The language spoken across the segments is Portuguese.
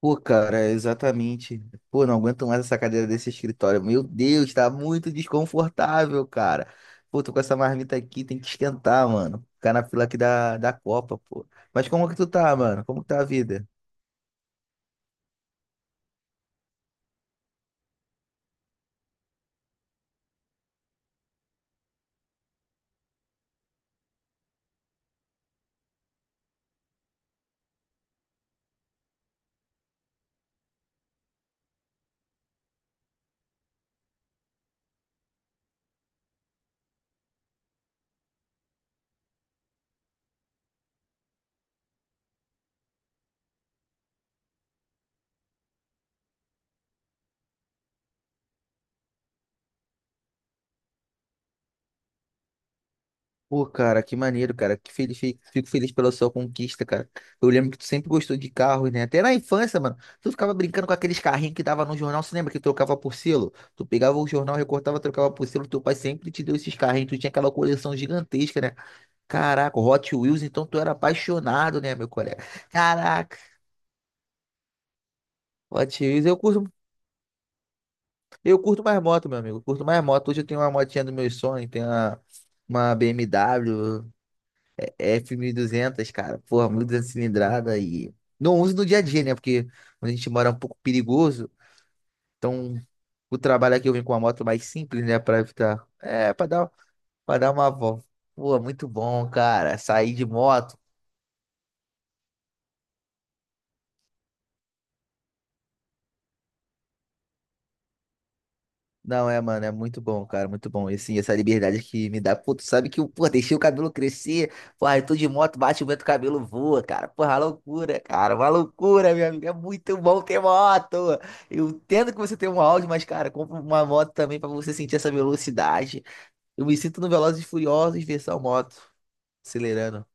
Pô, cara, é exatamente. Pô, não aguento mais essa cadeira desse escritório. Meu Deus, tá muito desconfortável, cara. Pô, tô com essa marmita aqui, tem que esquentar, mano. Ficar na fila aqui da Copa, pô. Mas como que tu tá, mano? Como que tá a vida? Pô, cara, que maneiro, cara. Que feliz, fico feliz pela sua conquista, cara. Eu lembro que tu sempre gostou de carros, né? Até na infância, mano. Tu ficava brincando com aqueles carrinhos que dava no jornal. Você lembra que trocava por selo? Tu pegava o jornal, recortava, trocava por selo. Teu pai sempre te deu esses carrinhos. Tu tinha aquela coleção gigantesca, né? Caraca, Hot Wheels, então tu era apaixonado, né, meu colega? Caraca, Hot Wheels, eu curto mais moto, meu amigo. Eu curto mais moto. Hoje eu tenho uma motinha dos meus sonhos, tenho uma BMW F1200, 1200, cara. Porra, 1200 cilindrada e não uso no dia a dia, né? Porque onde a gente mora é um pouco perigoso. Então, o trabalho aqui eu venho com uma moto mais simples, né, pra evitar. É, pra dar uma volta. Pô, muito bom, cara. Sair de moto. Não, é, mano, é muito bom, cara, muito bom. E assim, essa liberdade que me dá. Pô, tu sabe que eu, pô, deixei o cabelo crescer. Porra, eu tô de moto, bate o vento, o cabelo voa, cara. Porra, loucura, cara, uma loucura, meu amigo. É muito bom ter moto. Eu entendo que você tem um Audi, mas, cara, compra uma moto também pra você sentir essa velocidade. Eu me sinto no Velozes e Furiosos versão moto, acelerando.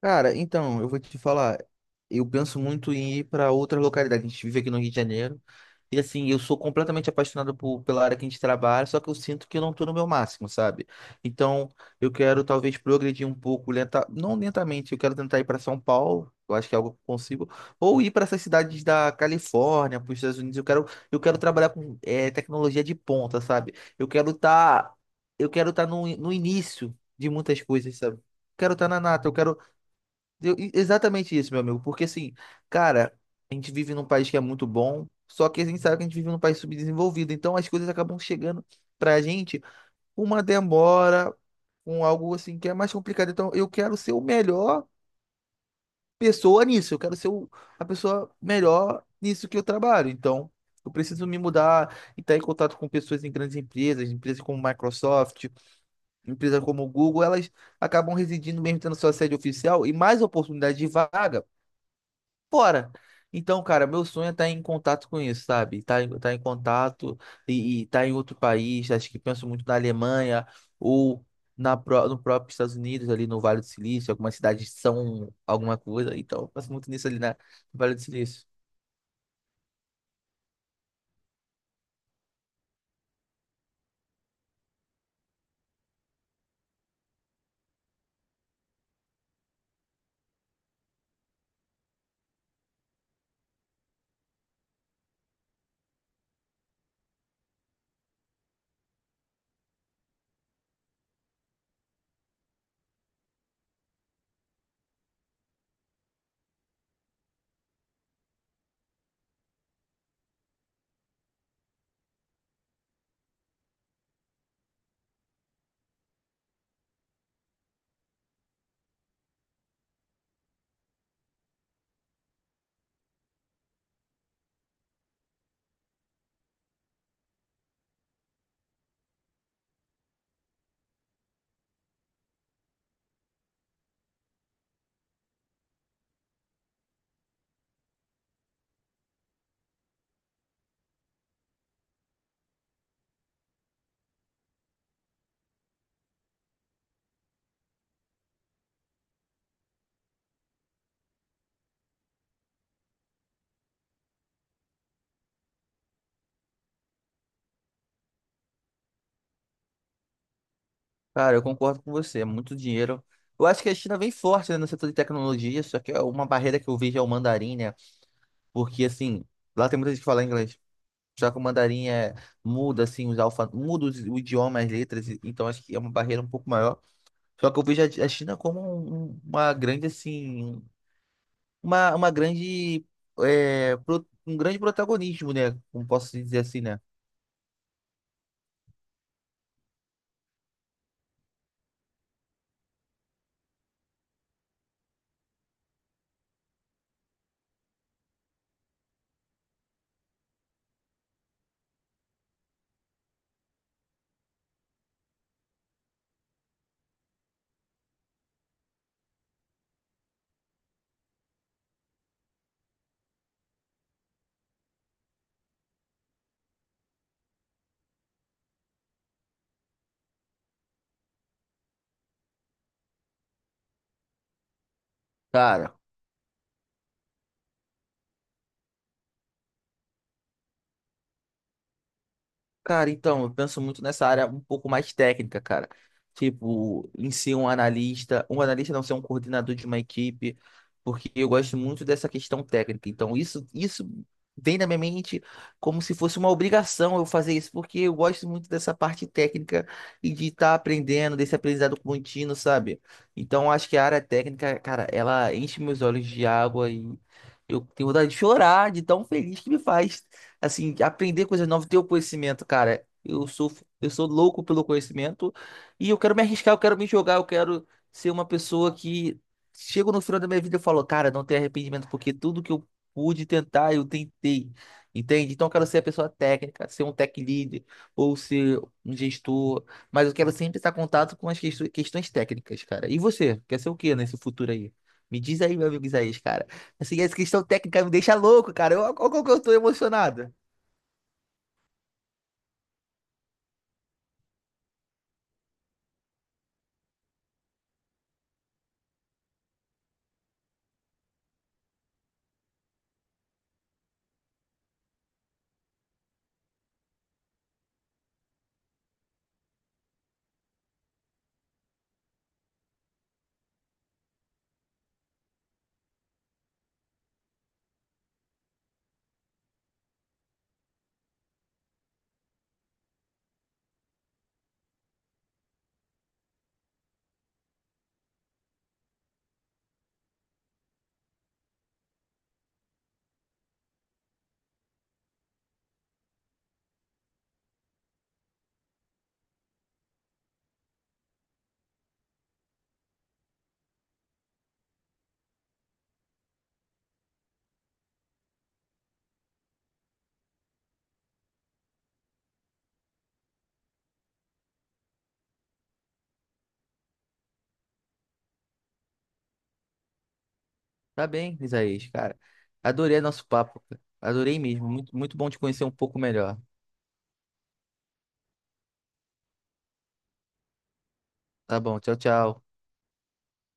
Cara, então, eu vou te falar, eu penso muito em ir para outras localidades. A gente vive aqui no Rio de Janeiro. E assim, eu sou completamente apaixonado pela área que a gente trabalha, só que eu sinto que eu não estou no meu máximo, sabe? Então, eu quero talvez progredir um pouco, lenta, não lentamente, eu quero tentar ir para São Paulo, eu acho que é algo que eu consigo, ou ir para essas cidades da Califórnia, para os Estados Unidos. Eu quero trabalhar com tecnologia de ponta, sabe? Eu quero estar no início de muitas coisas, sabe? Quero estar na nata, eu quero exatamente isso, meu amigo, porque assim, cara, a gente vive num país que é muito bom, só que a gente sabe que a gente vive num país subdesenvolvido, então as coisas acabam chegando pra gente com uma demora, com algo assim que é mais complicado. Então eu quero ser o melhor pessoa nisso, eu quero ser o- a pessoa melhor nisso que eu trabalho. Então eu preciso me mudar e estar em contato com pessoas em grandes empresas, empresas como Microsoft, empresas como Google, elas acabam residindo mesmo tendo sua sede oficial e mais oportunidade de vaga fora. Então, cara, meu sonho é estar em contato com isso, sabe? Tá, tá em contato e tá em outro país. Acho que penso muito na Alemanha ou no próprio Estados Unidos, ali no Vale do Silício. Algumas cidades são alguma coisa. Então, eu penso muito nisso ali no Vale do Silício. Cara, eu concordo com você. É muito dinheiro. Eu acho que a China vem forte, né, no setor de tecnologia. Só que é uma barreira que eu vejo é o mandarim, né? Porque, assim, lá tem muita gente que fala inglês. Já que o mandarim é, muda assim os alfa, o idioma, as letras, então acho que é uma barreira um pouco maior. Só que eu vejo a China como uma grande assim, uma grande é, um grande protagonismo, né? Como posso dizer assim, né? Cara, Cara, então, eu penso muito nessa área um pouco mais técnica, cara. Tipo, em si um analista, não ser um coordenador de uma equipe, porque eu gosto muito dessa questão técnica. Então, isso vem na minha mente como se fosse uma obrigação eu fazer isso, porque eu gosto muito dessa parte técnica e de estar aprendendo, desse aprendizado contínuo, sabe? Então, acho que a área técnica, cara, ela enche meus olhos de água e eu tenho vontade de chorar de tão feliz que me faz assim, aprender coisas novas, ter o conhecimento, cara. Eu sou louco pelo conhecimento e eu quero me arriscar, eu quero me jogar, eu quero ser uma pessoa que chego no final da minha vida e falo, cara, não tenho arrependimento, porque tudo que eu pude tentar, eu tentei. Entende? Então eu quero ser a pessoa técnica, ser um tech lead ou ser um gestor, mas eu quero sempre estar em contato com as questões técnicas, cara. E você, quer ser o quê nesse futuro aí? Me diz aí, meu amigo Isaías, cara. Assim, essa questão técnica me deixa louco, cara. Eu, olha como que eu tô emocionado. Tá bem, Isaías, cara. Adorei nosso papo, cara. Adorei mesmo. Muito, muito bom te conhecer um pouco melhor. Tá bom, tchau, tchau.